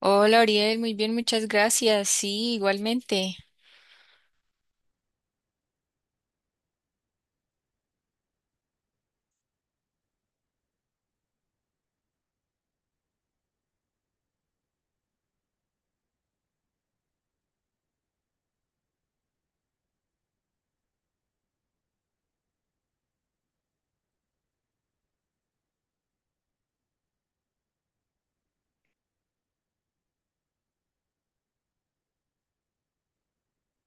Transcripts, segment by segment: Hola, Ariel, muy bien, muchas gracias. Sí, igualmente.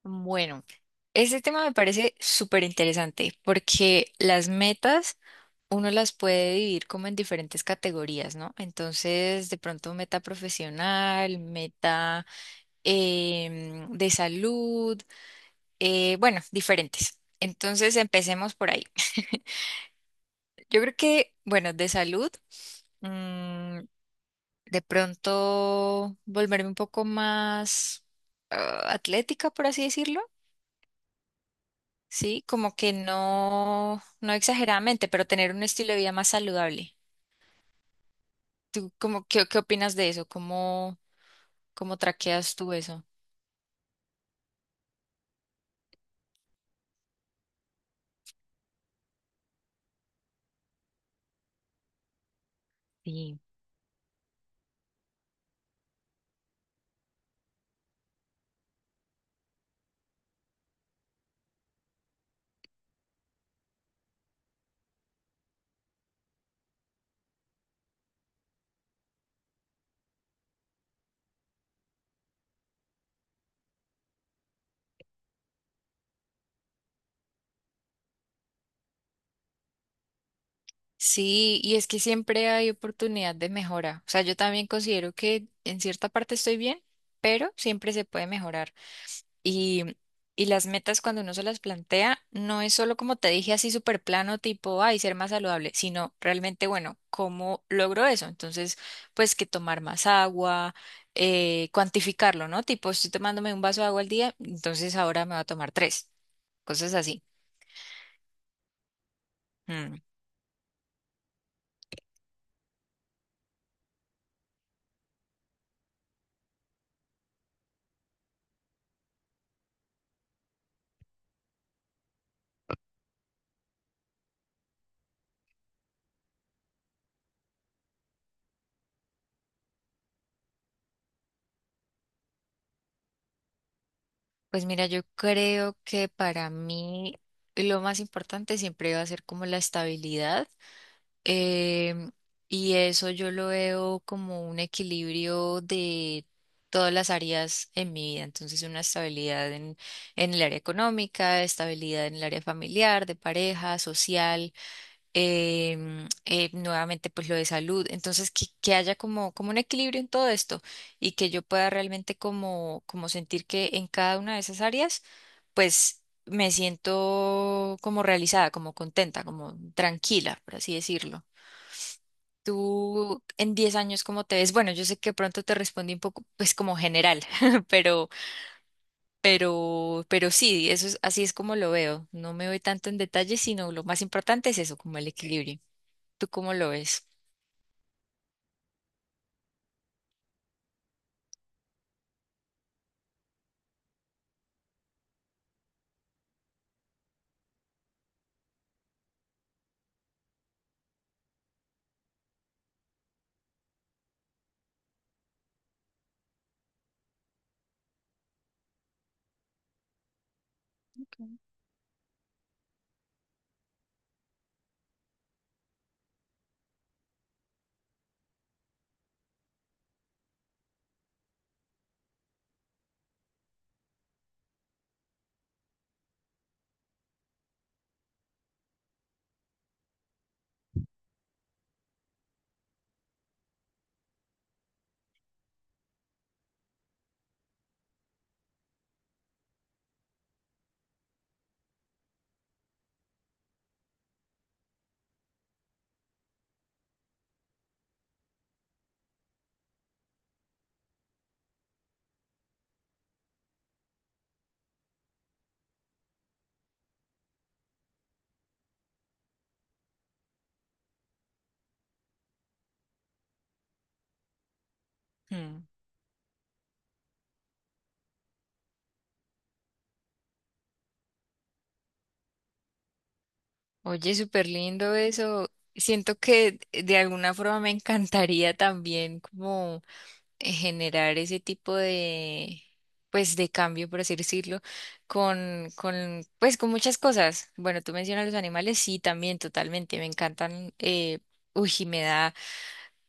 Bueno, este tema me parece súper interesante porque las metas uno las puede dividir como en diferentes categorías, ¿no? Entonces, de pronto meta profesional, meta de salud, bueno, diferentes. Entonces, empecemos por ahí. Yo creo que, bueno, de salud. mm, de pronto volverme un poco más atlética, por así decirlo. Sí, como que no, no exageradamente, pero tener un estilo de vida más saludable. ¿Tú cómo, qué opinas de eso? ¿Cómo traqueas tú eso? Sí. Sí, y es que siempre hay oportunidad de mejora. O sea, yo también considero que en cierta parte estoy bien, pero siempre se puede mejorar. Y, y las metas cuando uno se las plantea, no es solo como te dije así súper plano, tipo, ay, ser más saludable, sino realmente, bueno, ¿cómo logro eso? Entonces, pues que tomar más agua, cuantificarlo, ¿no? Tipo, estoy tomándome un vaso de agua al día, entonces ahora me voy a tomar tres, cosas así. Mm. Pues mira, yo creo que para mí lo más importante siempre va a ser como la estabilidad. Em, y eso yo lo veo como un equilibrio de todas las áreas en mi vida. Entonces, una estabilidad en el área económica, estabilidad en el área familiar, de pareja, social, nuevamente pues lo de salud. Entonces, que haya como un equilibrio en todo esto y que yo pueda realmente como sentir que en cada una de esas áreas, pues me siento como realizada, como contenta, como tranquila, por así decirlo. ¿Tú en 10 años cómo te ves? Bueno, yo sé que pronto te respondí un poco, pues como general, pero, sí, eso es, así es como lo veo. No me voy tanto en detalle, sino lo más importante es eso, como el equilibrio. ¿Tú cómo lo ves? Mm. Oye, súper lindo eso. Siento que de alguna forma me encantaría también como generar ese tipo de, pues, de cambio, por así decirlo, pues, con muchas cosas. Bueno, tú mencionas los animales, sí, también, totalmente, me encantan. Uy,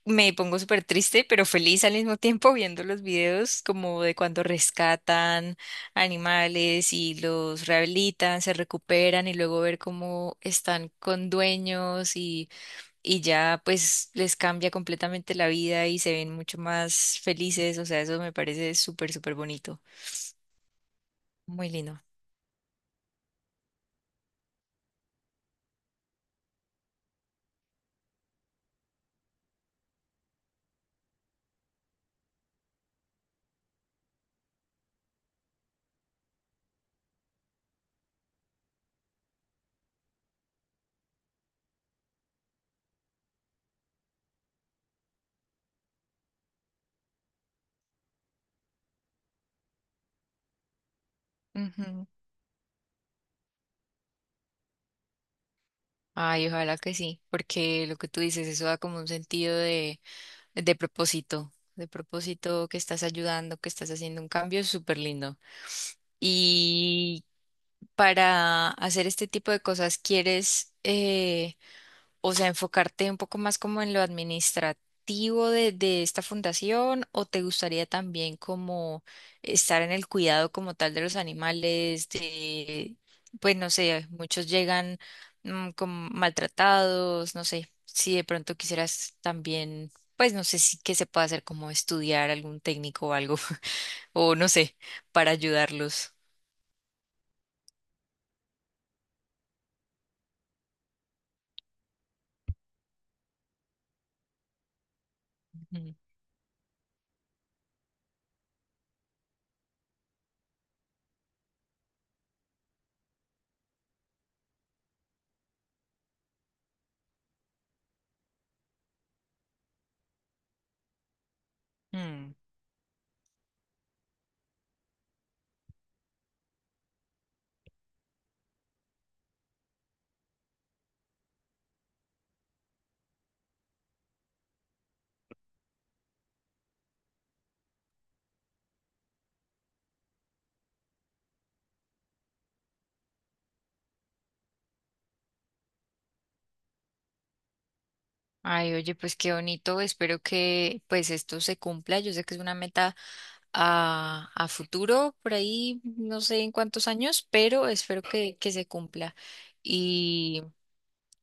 me pongo súper triste, pero feliz al mismo tiempo viendo los videos como de cuando rescatan animales y los rehabilitan, se recuperan y luego ver cómo están con dueños y ya pues les cambia completamente la vida y se ven mucho más felices, o sea, eso me parece súper, súper bonito, muy lindo. Ujú. Ay, ojalá que sí, porque lo que tú dices, eso da como un sentido de propósito, de propósito que estás ayudando, que estás haciendo un cambio súper lindo. Y para hacer este tipo de cosas, ¿quieres o sea, enfocarte un poco más como en lo administrativo de esta fundación o te gustaría también como estar en el cuidado como tal de los animales, de, pues no sé, muchos llegan como maltratados, no sé, si de pronto quisieras también, pues no sé si que se pueda hacer como estudiar algún técnico o algo, o no sé, para ayudarlos. Ujú. Mm. Ay, oye, pues qué bonito. Espero que pues esto se cumpla. Yo sé que es una meta a futuro, por ahí, no sé en cuántos años, pero espero que se cumpla. Y,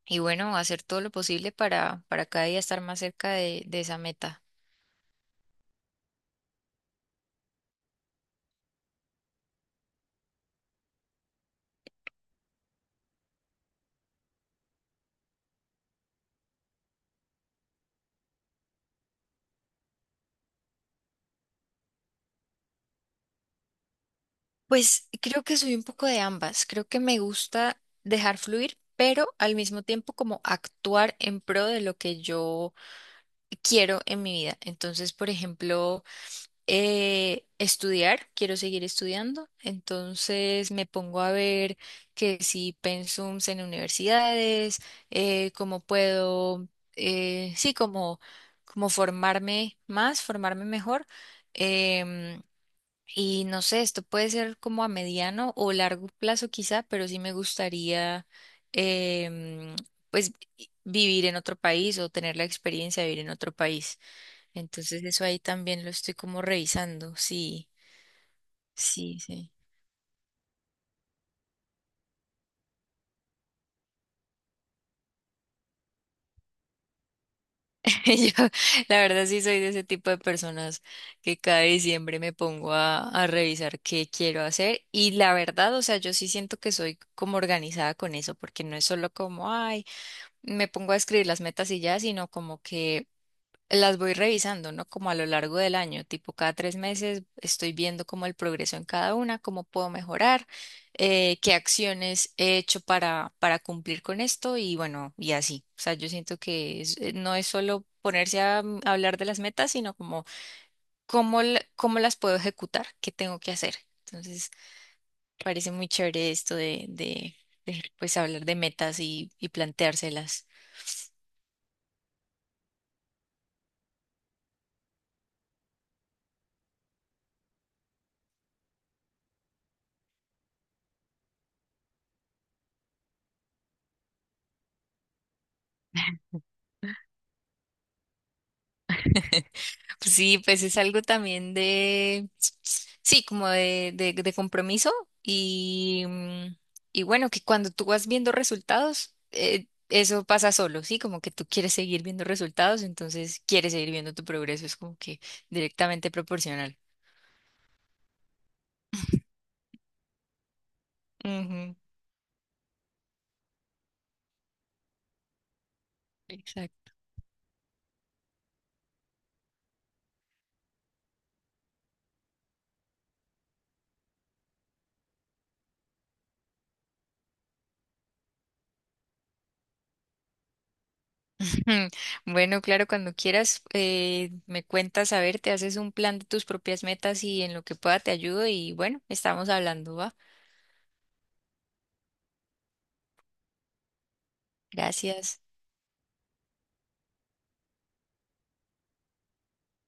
y bueno, hacer todo lo posible para cada día estar más cerca de esa meta. Pues creo que soy un poco de ambas. Creo que me gusta dejar fluir, pero al mismo tiempo como actuar en pro de lo que yo quiero en mi vida. Entonces, por ejemplo, estudiar, quiero seguir estudiando, entonces me pongo a ver que si pensums en universidades, cómo puedo, sí, como formarme más, formarme mejor. em, y no sé, esto puede ser como a mediano o largo plazo quizá, pero sí me gustaría, em, pues, vivir en otro país o tener la experiencia de vivir en otro país. Entonces eso ahí también lo estoy como revisando. Sí, sí, sí. Yo, la verdad sí soy de ese tipo de personas que cada diciembre me pongo a revisar qué quiero hacer y la verdad, o sea, yo sí siento que soy como organizada con eso porque no es solo como, ay, me pongo a escribir las metas y ya, sino como que las voy revisando, ¿no? Como a lo largo del año, tipo cada 3 meses estoy viendo como el progreso en cada una, cómo puedo mejorar, qué acciones he hecho para cumplir con esto y bueno, y así. O sea, yo siento que no es solo ponerse a hablar de las metas, sino como cómo, cómo las puedo ejecutar, qué tengo que hacer. Entonces, parece muy chévere esto de, pues hablar de metas y planteárselas. Sí, pues es algo también de, sí, como de compromiso y, mm, y bueno, que cuando tú vas viendo resultados, eso pasa solo, ¿sí? Como que tú quieres seguir viendo resultados, entonces quieres seguir viendo tu progreso, es como que directamente proporcional. Ujú, exacto. Bueno, claro, cuando quieras, me cuentas, a ver, te haces un plan de tus propias metas y en lo que pueda te ayudo y bueno, estamos hablando, ¿va? Gracias.